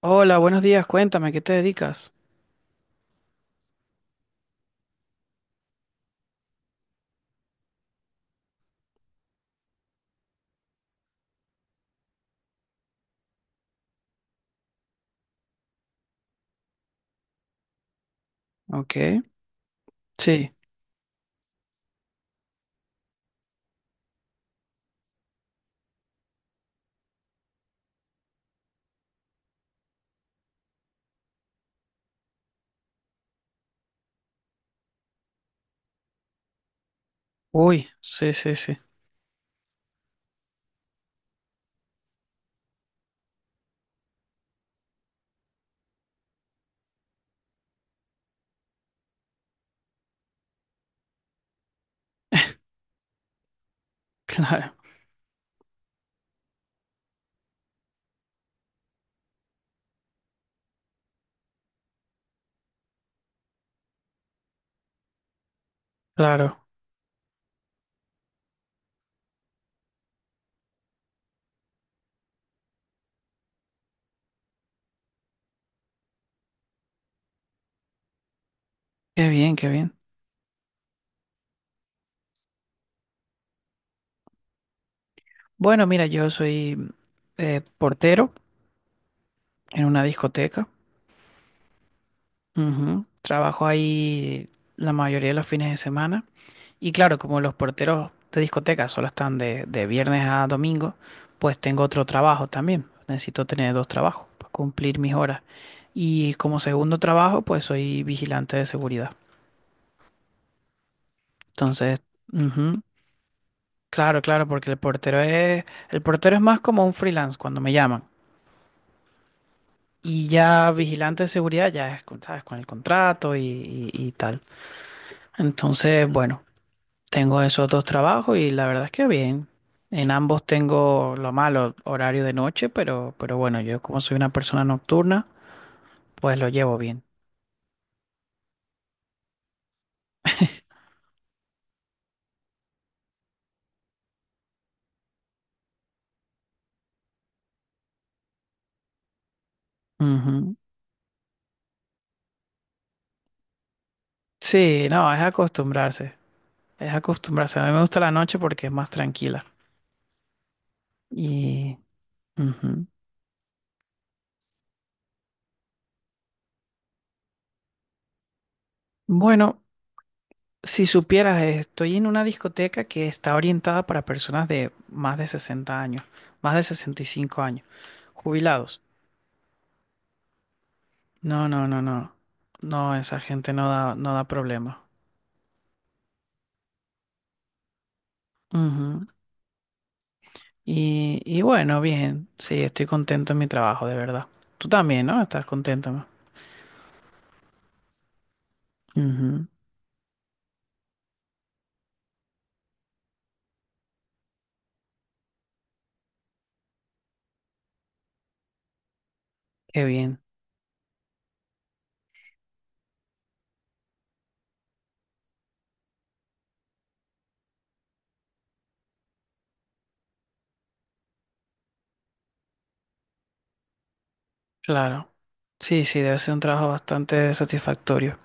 Hola, buenos días, cuéntame, ¿qué te dedicas? Ok, sí. Uy, sí, sí, sí. Claro, claro. Qué bien, qué bien. Bueno, mira, yo soy portero en una discoteca. Ujú. Trabajo ahí la mayoría de los fines de semana. Y claro, como los porteros de discoteca solo están de viernes a domingo, pues tengo otro trabajo también. Necesito tener dos trabajos para cumplir mis horas. Y como segundo trabajo, pues soy vigilante de seguridad. Entonces, ujú. Claro, claro, porque el portero es más como un freelance cuando me llaman. Y ya vigilante de seguridad ya es, ¿sabes? Con el contrato y tal. Entonces, bueno, tengo esos dos trabajos y la verdad es que bien. En ambos tengo lo malo, horario de noche, pero bueno, yo como soy una persona nocturna, pues lo llevo bien. Ujú. Sí, no, es acostumbrarse. Es acostumbrarse. A mí me gusta la noche porque es más tranquila. Y ujú. Bueno, si supieras, estoy en una discoteca que está orientada para personas de más de 60 años, más de 65 años, jubilados. No, no, no, no. No, esa gente no da, no da problema. Ujú. Y bueno, bien, sí, estoy contento en mi trabajo, de verdad. Tú también, ¿no? Estás contento, ¿no? Ujú. Qué bien, claro. Sí, sí, debe ser un trabajo bastante satisfactorio.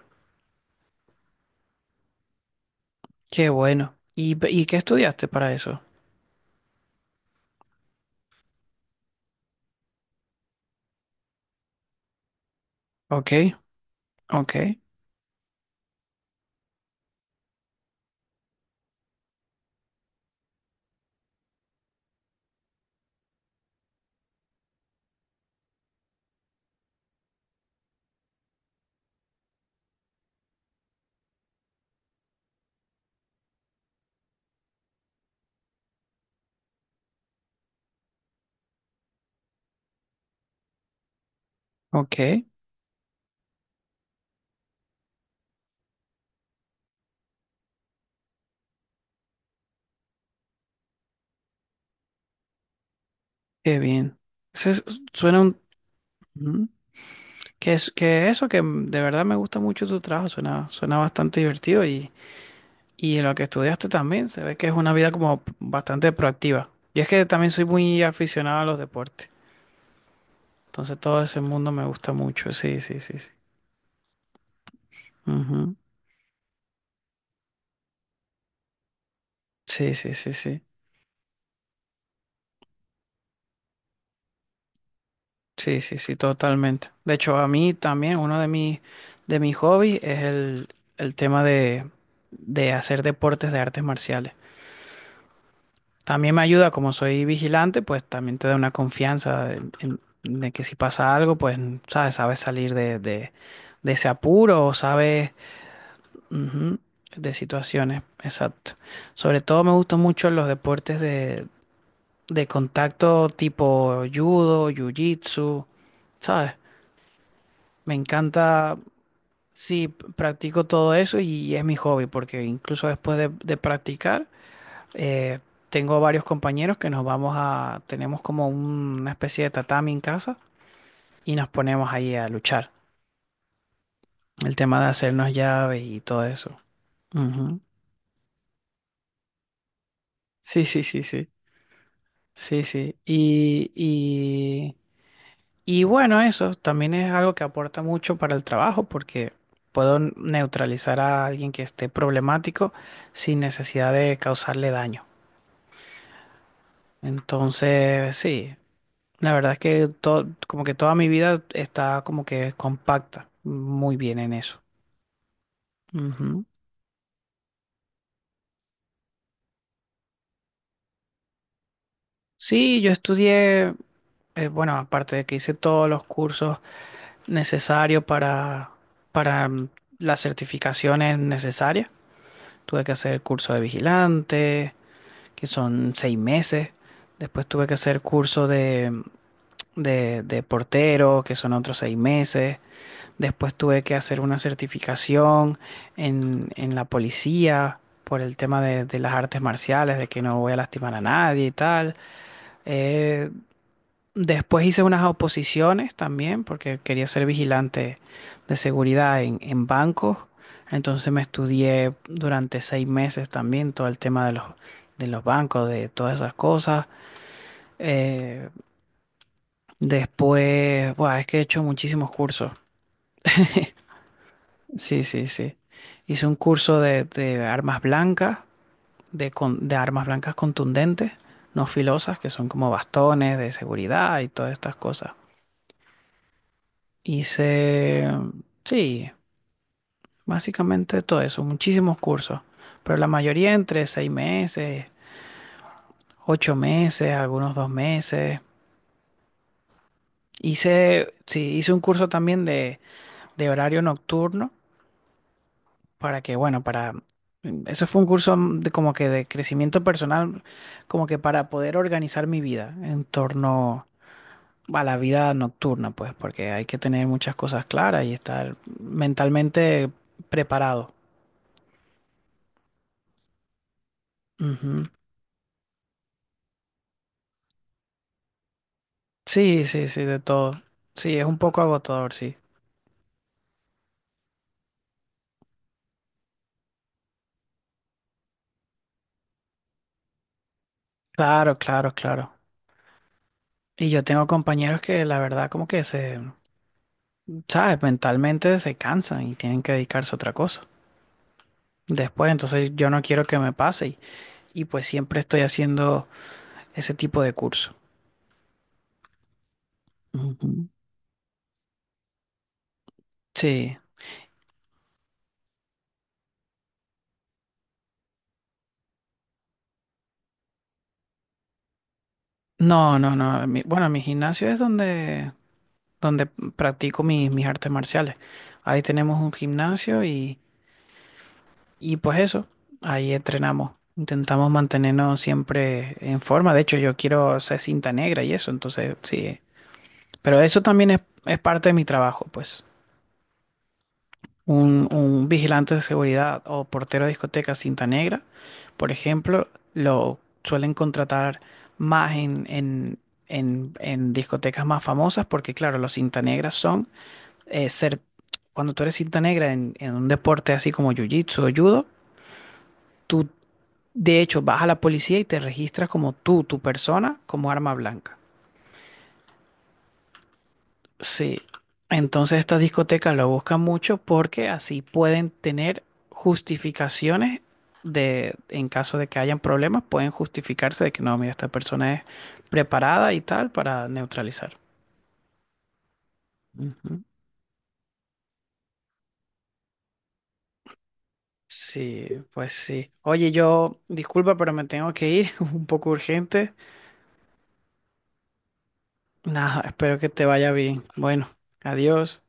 Qué bueno. Y qué estudiaste para eso? Ok, ok, ok. Qué bien. Ese es- Suena un... ujú. Que, es, que eso, que de verdad me gusta mucho tu trabajo, suena, suena bastante divertido y lo que estudiaste también, se ve que es una vida como bastante proactiva. Y es que también soy muy aficionado a los deportes, entonces todo ese mundo me gusta mucho, sí, sí, sí, sí. Ujú. Sí, sí, sí, sí. Sí, sí, sí, totalmente. De hecho, a mí también uno de mis hobbies es el tema de hacer deportes de artes marciales. También me ayuda, como soy vigilante, pues también te da una confianza de que si pasa algo, pues sabes, sabes salir de ese apuro o sabes ujú, de situaciones. Exacto. Sobre todo me gustan mucho los deportes de contacto tipo judo, jiu-jitsu, ¿sabes? Me encanta, sí, practico todo eso y es mi hobby, porque incluso después de practicar. Eh, Tengo varios compañeros que nos vamos a, tenemos como una especie de tatami en casa y nos ponemos ahí a luchar. El tema de hacernos llaves y todo eso. Ujú. Sí, sí, sí, sí. Sí, sí. Y bueno, eso también es algo que aporta mucho para el trabajo porque puedo neutralizar a alguien que esté problemático sin necesidad de causarle daño. Entonces, sí, la verdad es que todo, como que toda mi vida está como que compacta, muy bien en eso. Ujú. Sí, yo estudié, bueno, aparte de que hice todos los cursos necesarios para, para las certificaciones necesarias, tuve que hacer curso de vigilante, que son 6 meses. Después tuve que hacer curso de portero, que son otros 6 meses. Después tuve que hacer una certificación en la policía por el tema de las artes marciales, de que no voy a lastimar a nadie y tal. Eh, Después hice unas oposiciones también porque quería ser vigilante de seguridad en bancos. Entonces me estudié durante 6 meses también todo el tema de los bancos, de todas esas cosas. Eh, Después, buah, es que he hecho muchísimos cursos. Sí, sí, sí. Hice un curso de armas blancas, de armas blancas contundentes, no filosas, que son como bastones de seguridad y todas estas cosas. Hice, sí, básicamente todo eso, muchísimos cursos, pero la mayoría entre 6 meses, 8 meses, algunos 2 meses. Hice, sí, hice un curso también de horario nocturno para que, bueno, para... eso fue un curso de como que de crecimiento personal, como que para poder organizar mi vida en torno a la vida nocturna, pues, porque hay que tener muchas cosas claras y estar mentalmente preparado. Ujú. Sí, sí, sí, de todo. Sí, es un poco agotador, sí. Claro, claro, claro. Y yo tengo compañeros que la verdad como que se, ¿sabes? Mentalmente se cansan y tienen que dedicarse a otra cosa. Después, entonces yo no quiero que me pase, y pues siempre estoy haciendo ese tipo de curso. Ujú. Sí. No, no, no. Bueno, mi gimnasio es donde, donde practico mis, mis artes marciales. Ahí tenemos un gimnasio y pues eso, ahí entrenamos. Intentamos mantenernos siempre en forma. De hecho, yo quiero ser cinta negra y eso, entonces sí. Pero eso también es parte de mi trabajo, pues. Un vigilante de seguridad o portero de discoteca cinta negra, por ejemplo, lo suelen contratar más en discotecas más famosas porque, claro, los cinta negras son eh, ser, cuando tú eres cinta negra en un deporte así como jiu-jitsu o judo, tú de hecho vas a la policía y te registras como tú, tu persona, como arma blanca. Sí, entonces estas discotecas lo buscan mucho porque así pueden tener justificaciones de, en caso de que hayan problemas, pueden justificarse de que no, mira, esta persona es preparada y tal para neutralizar. Ujú. Sí, pues sí. Oye, yo, disculpa, pero me tengo que ir, un poco urgente. Nada, espero que te vaya bien. Bueno, adiós.